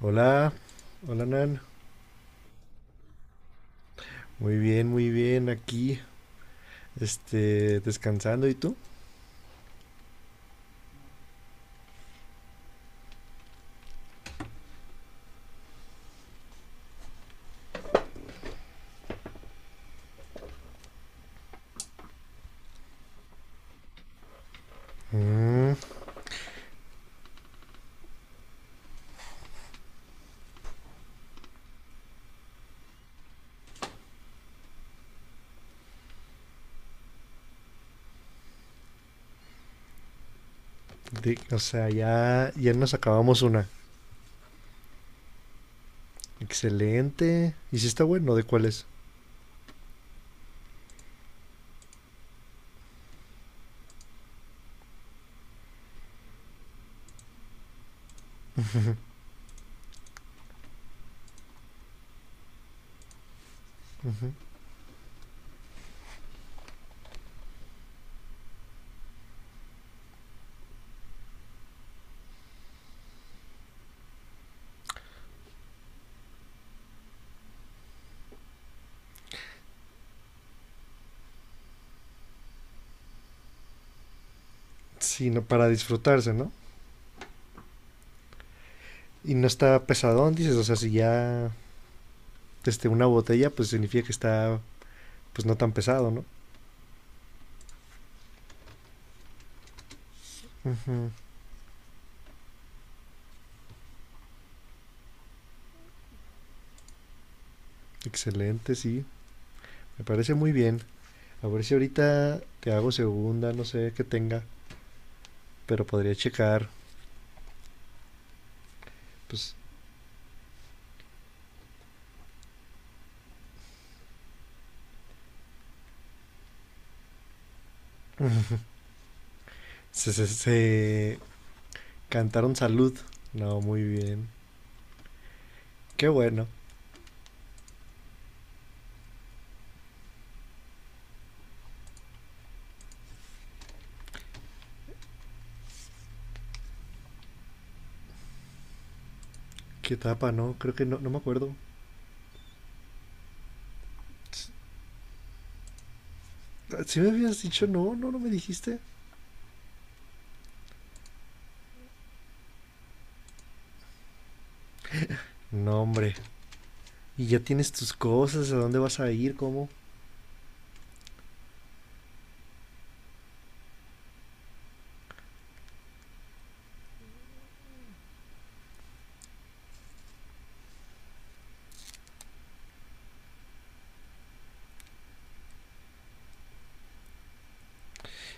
Hola, hola Nan. Muy bien, aquí, descansando. ¿Y tú? Mm. O sea, ya, ya nos acabamos una. Excelente. ¿Y si está bueno? ¿De cuál es? Ujú. Sí, no, para disfrutarse, ¿no? Y no está pesadón, dices. O sea, si ya, una botella, pues significa que está, pues no tan pesado, ¿no? Ujú. Excelente, sí. Me parece muy bien. A ver si ahorita te hago segunda, no sé qué tenga, pero podría checar, pues, se, se, se- Cantaron salud. No, muy bien. Qué bueno. Qué etapa, ¿no? Creo que no, no me acuerdo. Si me habías dicho no, no, no me dijiste. No, hombre. Y ya tienes tus cosas, a dónde vas a ir, cómo.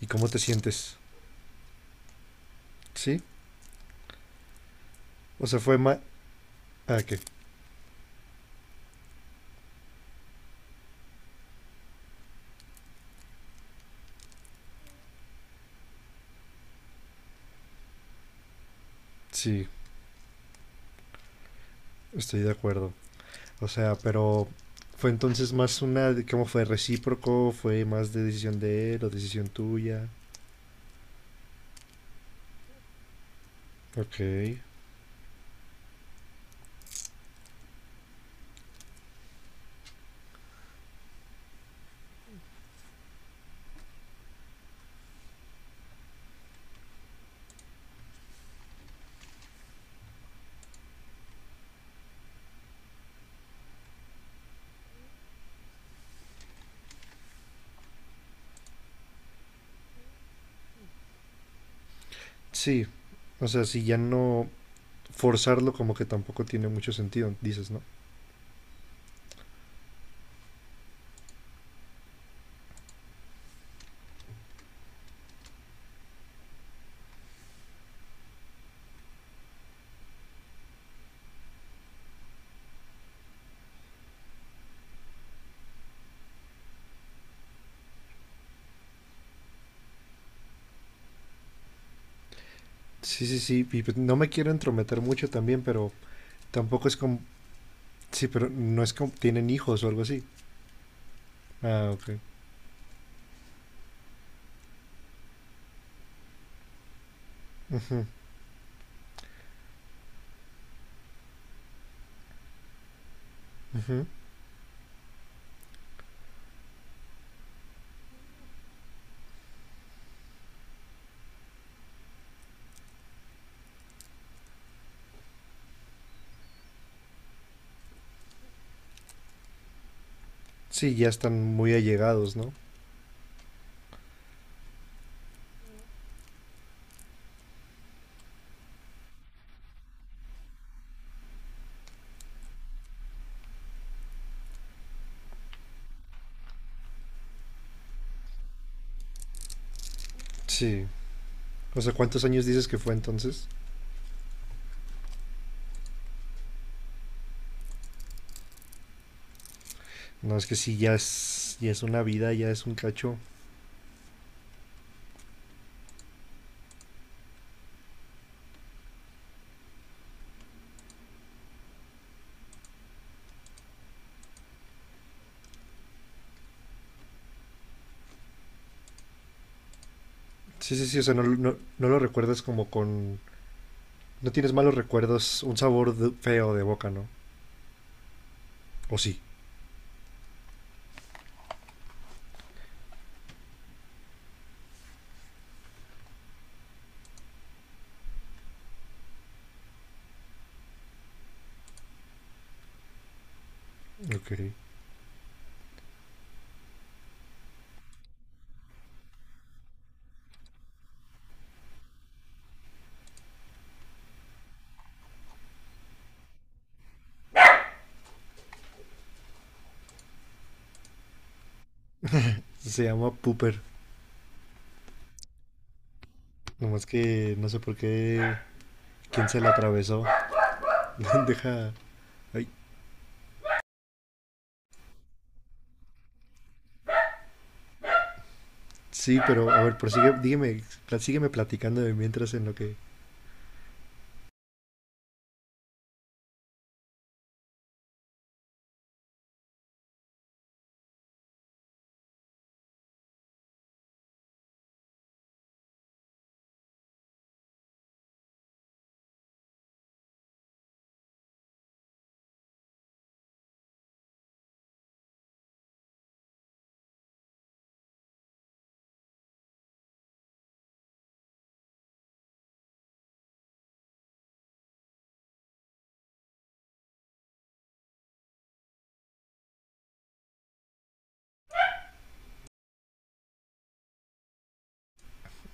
¿Y cómo te sientes? ¿Sí? O sea, fue más... Ah, que sí, estoy de acuerdo. O sea, pero fue entonces más una... ¿Cómo fue? ¿Recíproco? ¿Fue más de decisión de él o decisión tuya? Ok. Sí, o sea, si ya no... Forzarlo como que tampoco tiene mucho sentido, dices, ¿no? Sí, sí, sí, y pues no me quiero entrometer mucho también, pero tampoco es como... Sí, pero no es como... ¿Tienen hijos o algo así? Ah, ok. Ujú. Sí, ya están muy allegados, ¿no? Sí. O sea, ¿cuántos años dices que fue entonces? No, es que sí, ya es una vida, ya es un cacho. Sí, sí, sí, o sea, no, no, no lo recuerdas como con... No tienes malos recuerdos, un sabor feo de boca, ¿no? O sí. Ok. Se llama Pooper. Nomás que no sé por qué... ¿Quién se la atravesó? Deja... Ay. Sí, pero a ver, prosigue, dígame, sígueme platicando de mientras en lo que...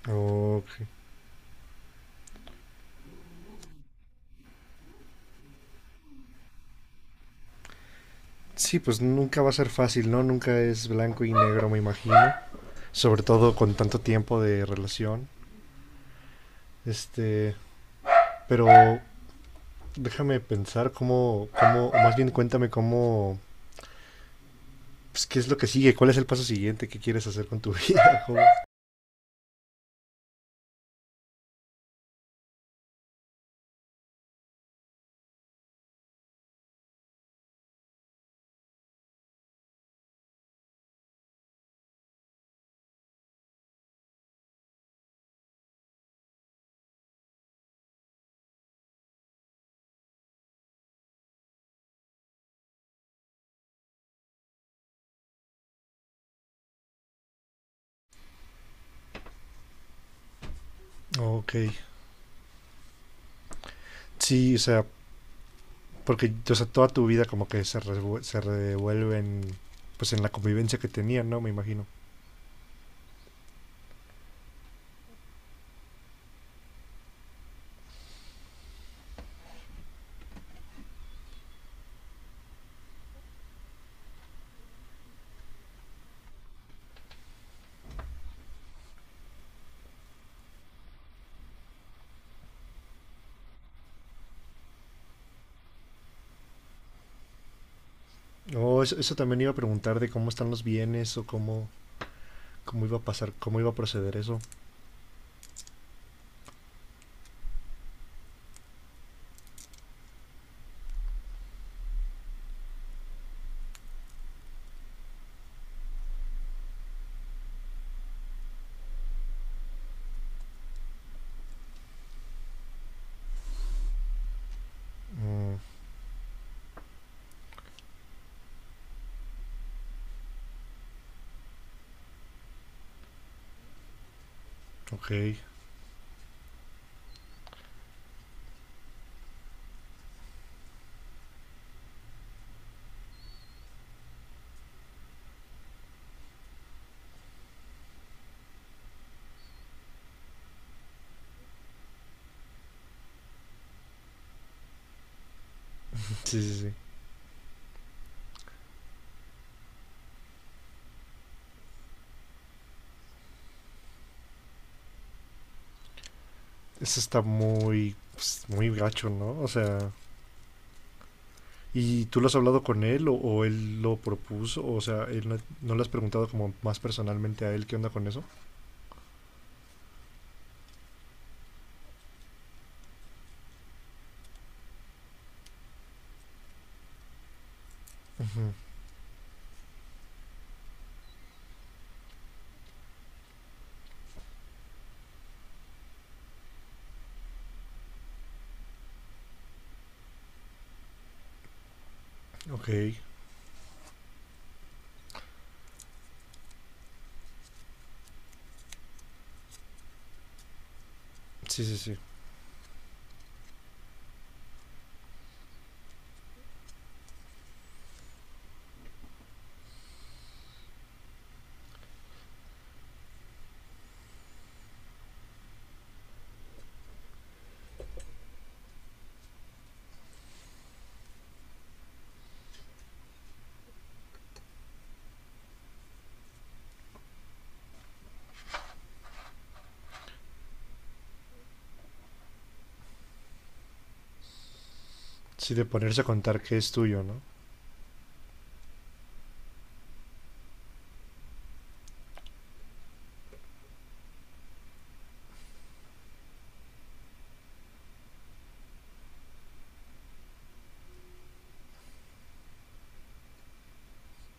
Ok. Sí, pues nunca va a ser fácil, ¿no? Nunca es blanco y negro, me imagino. Sobre todo con tanto tiempo de relación. Este, pero déjame pensar cómo, cómo, o más bien cuéntame cómo, pues, qué es lo que sigue, cuál es el paso siguiente que quieres hacer con tu vida, joven. Ok. Sí, o sea, porque, o sea, toda tu vida como que se revuelve en, pues en la convivencia que tenían, ¿no? Me imagino. Oh, eso también iba a preguntar de cómo están los bienes o cómo, cómo iba a pasar, cómo iba a proceder eso. Mm. Ok, sí, sí, sí. Eso está muy, pues, muy gacho, ¿no? O sea, ¿y tú lo has hablado con él o él lo propuso? O sea, él no, no le has preguntado como más personalmente a él qué onda con eso? Ujú. Ok, sí, sí, sí. Sí, de ponerse a contar que es tuyo, ¿no?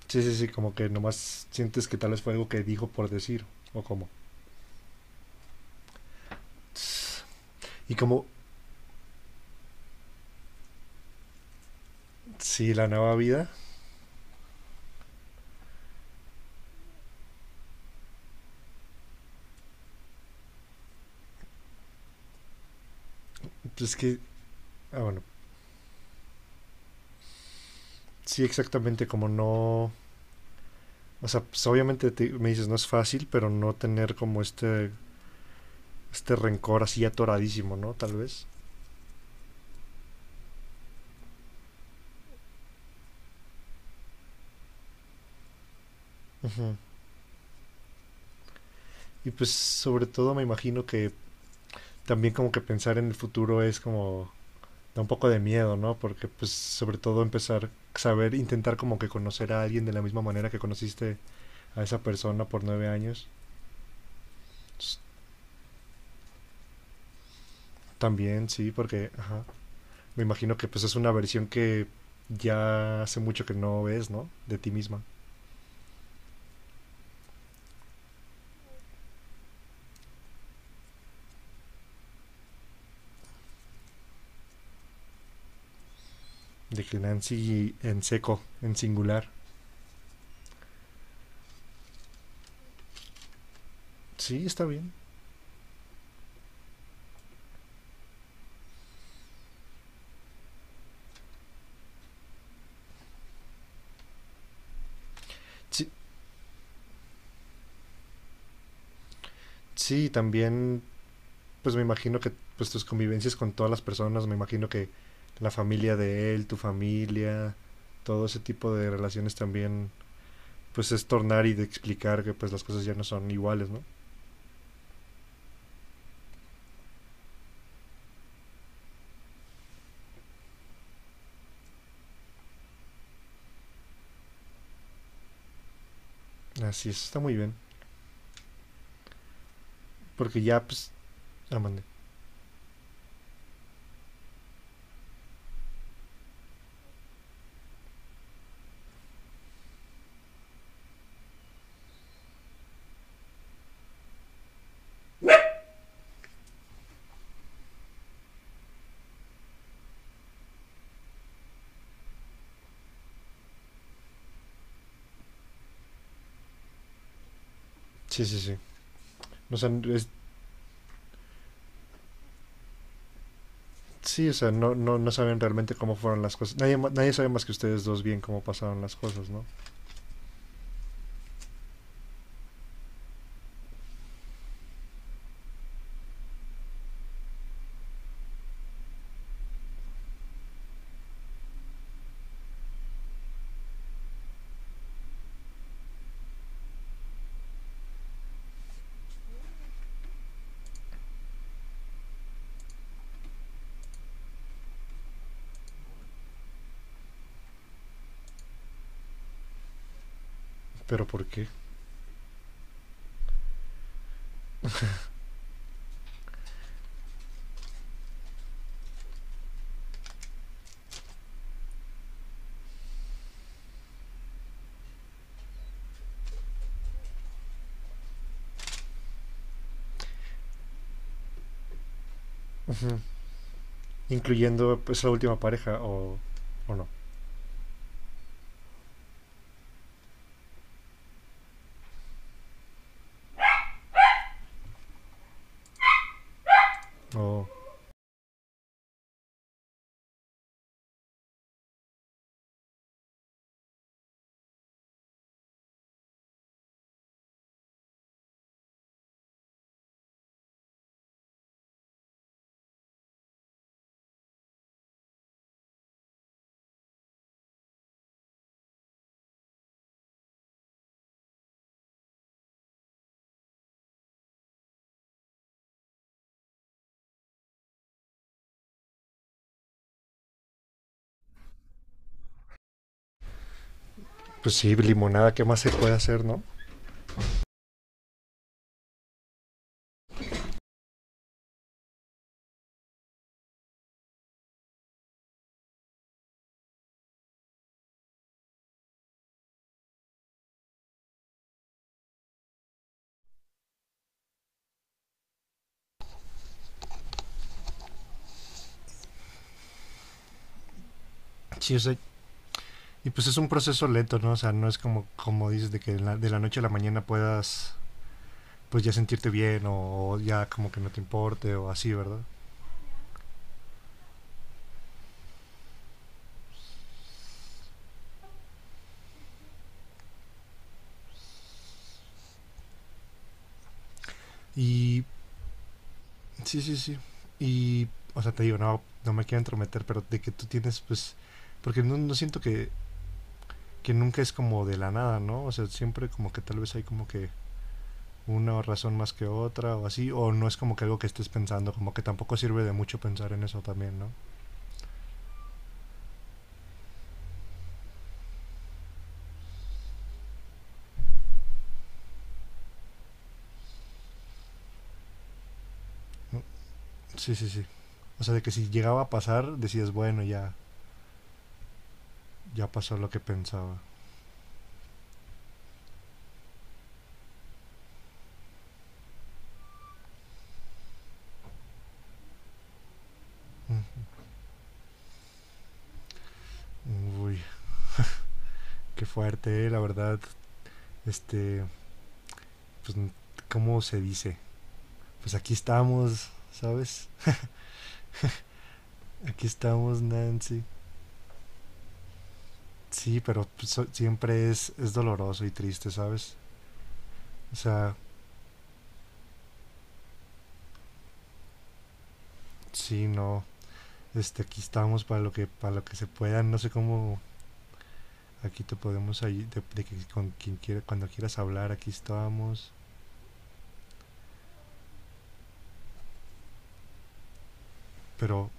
Sí, sí, sí, como que nomás sientes que tal vez fue algo que dijo por decir, o como. Y como, sí, la nueva vida, pues que Ah, bueno. Sí, exactamente, como no... O sea, pues obviamente me dices, no es fácil, pero no tener como este rencor así atoradísimo, ¿no? Tal vez. Ujú. Y pues sobre todo me imagino que también como que pensar en el futuro es como... Da un poco de miedo, ¿no? Porque pues sobre todo empezar, saber, intentar como que conocer a alguien de la misma manera que conociste a esa persona por 9 años. Pues, también, sí, porque ajá, me imagino que pues es una versión que ya hace mucho que no ves, ¿no? De ti misma. De que Nancy en seco, en singular. Sí, está bien. Sí, sí, también, pues me imagino que pues tus convivencias con todas las personas, me imagino que la familia de él, tu familia, todo ese tipo de relaciones también, pues es tornar y de explicar que pues las cosas ya no son iguales, ¿no? Así es, está muy bien. Porque ya, pues, ah, mandé. Sí, sí, sí. O sea, sí, o sea, no, no, no saben realmente cómo fueron las cosas. Nadie sabe más que ustedes dos bien cómo pasaron las cosas, ¿no? Pero ¿por qué? Ujú. Incluyendo pues la última pareja o no. O, pues sí, limonada, ¿qué más se puede hacer, no? Sí, o sea, y pues es un proceso lento, ¿no? O sea, no es como dices de que de la noche a la mañana puedas pues ya sentirte bien o ya como que no te importe o así, ¿verdad? Y sí, sí, sí. Y, o sea, te digo, no, no me quiero entrometer, pero de que tú tienes, pues, porque no, no siento que nunca es como de la nada, ¿no? O sea, siempre como que tal vez hay como que una razón más que otra o así, o no es como que algo que estés pensando, como que tampoco sirve de mucho pensar en eso también, ¿no? Mm. Sí, sí, sí. O sea, de que si llegaba a pasar, decías, bueno, ya, ya pasó lo que pensaba. Mm. Uy, qué fuerte, la verdad. Este, pues, ¿cómo se dice? Pues aquí estamos, ¿sabes? Aquí estamos, Nancy. Sí, pero pues, siempre es doloroso y triste, ¿sabes? O sea, sí, no. Aquí estamos para lo que, se pueda. No sé cómo aquí te podemos ayudar, de que con quien quiera, cuando quieras hablar, aquí estamos. Pero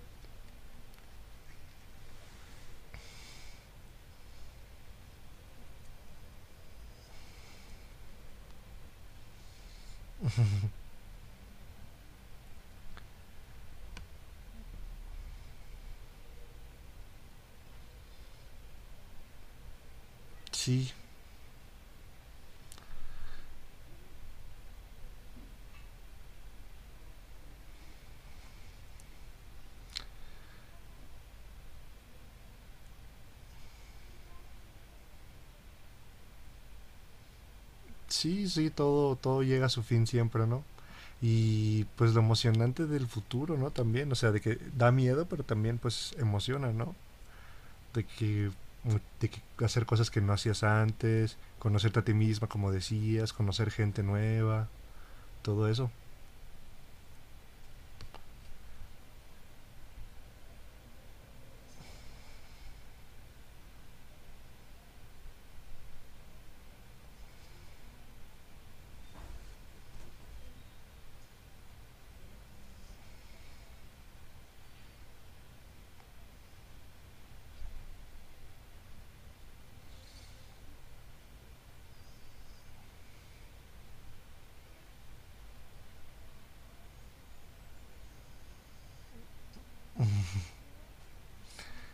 sí, sí, sí, todo, todo llega a su fin siempre, ¿no? Y pues lo emocionante del futuro, ¿no? También, o sea, de que da miedo, pero también pues emociona, ¿no? De que, de que hacer cosas que no hacías antes, conocerte a ti misma, como decías, conocer gente nueva, todo eso.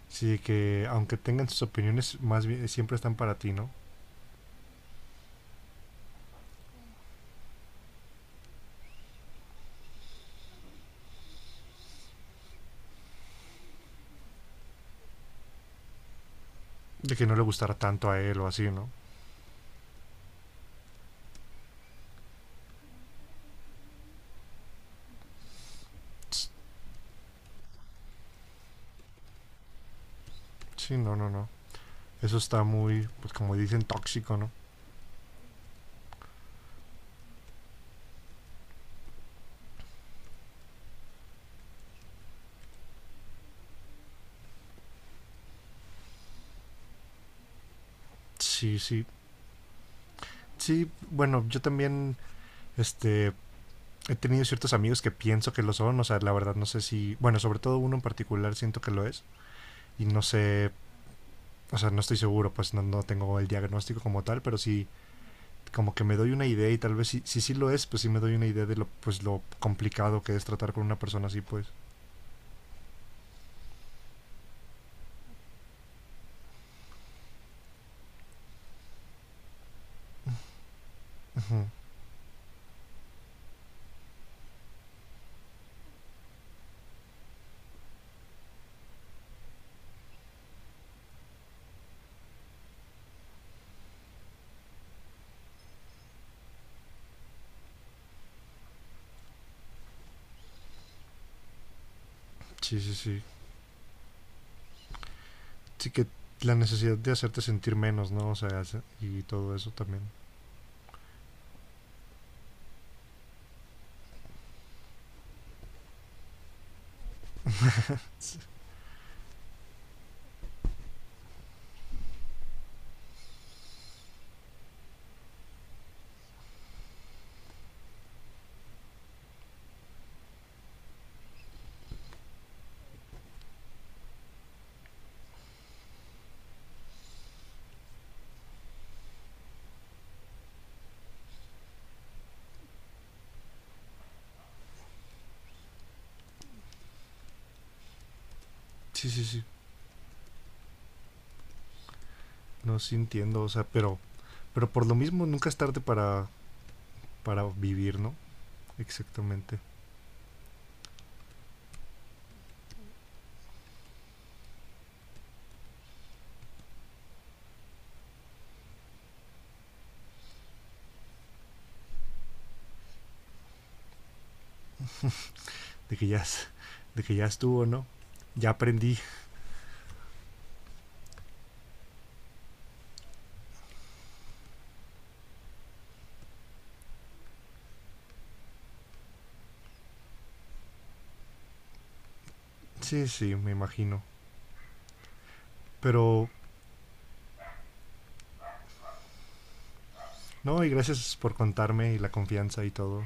Sí, que aunque tengan sus opiniones, más bien siempre están para ti, ¿no? De que no le gustará tanto a él o así, ¿no? Sí, no, no, no. Eso está muy, pues como dicen, tóxico, ¿no? Sí, sí. Sí, bueno, yo también, este, he tenido ciertos amigos que pienso que lo son, o sea, la verdad no sé si, bueno, sobre todo uno en particular siento que lo es, y no sé, o sea, no estoy seguro, pues no, no tengo el diagnóstico como tal, pero sí, como que me doy una idea y tal vez si, sí lo es, pues sí me doy una idea de lo, pues, lo complicado que es tratar con una persona así, pues. Sí, sí, sí. Sí que la necesidad de hacerte sentir menos, ¿no? O sea, y todo eso también. Sí, sí, sí. No, sí entiendo, o sea, pero por lo mismo nunca es tarde para, vivir, ¿no? Exactamente. De que ya, es- de que ya estuvo, ¿no? Ya aprendí. Sí, sí, me imagino. Pero, no, y gracias por contarme y la confianza y todo.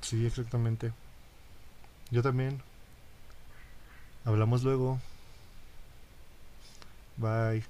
Sí, exactamente. Yo también. Hablamos luego. Bye.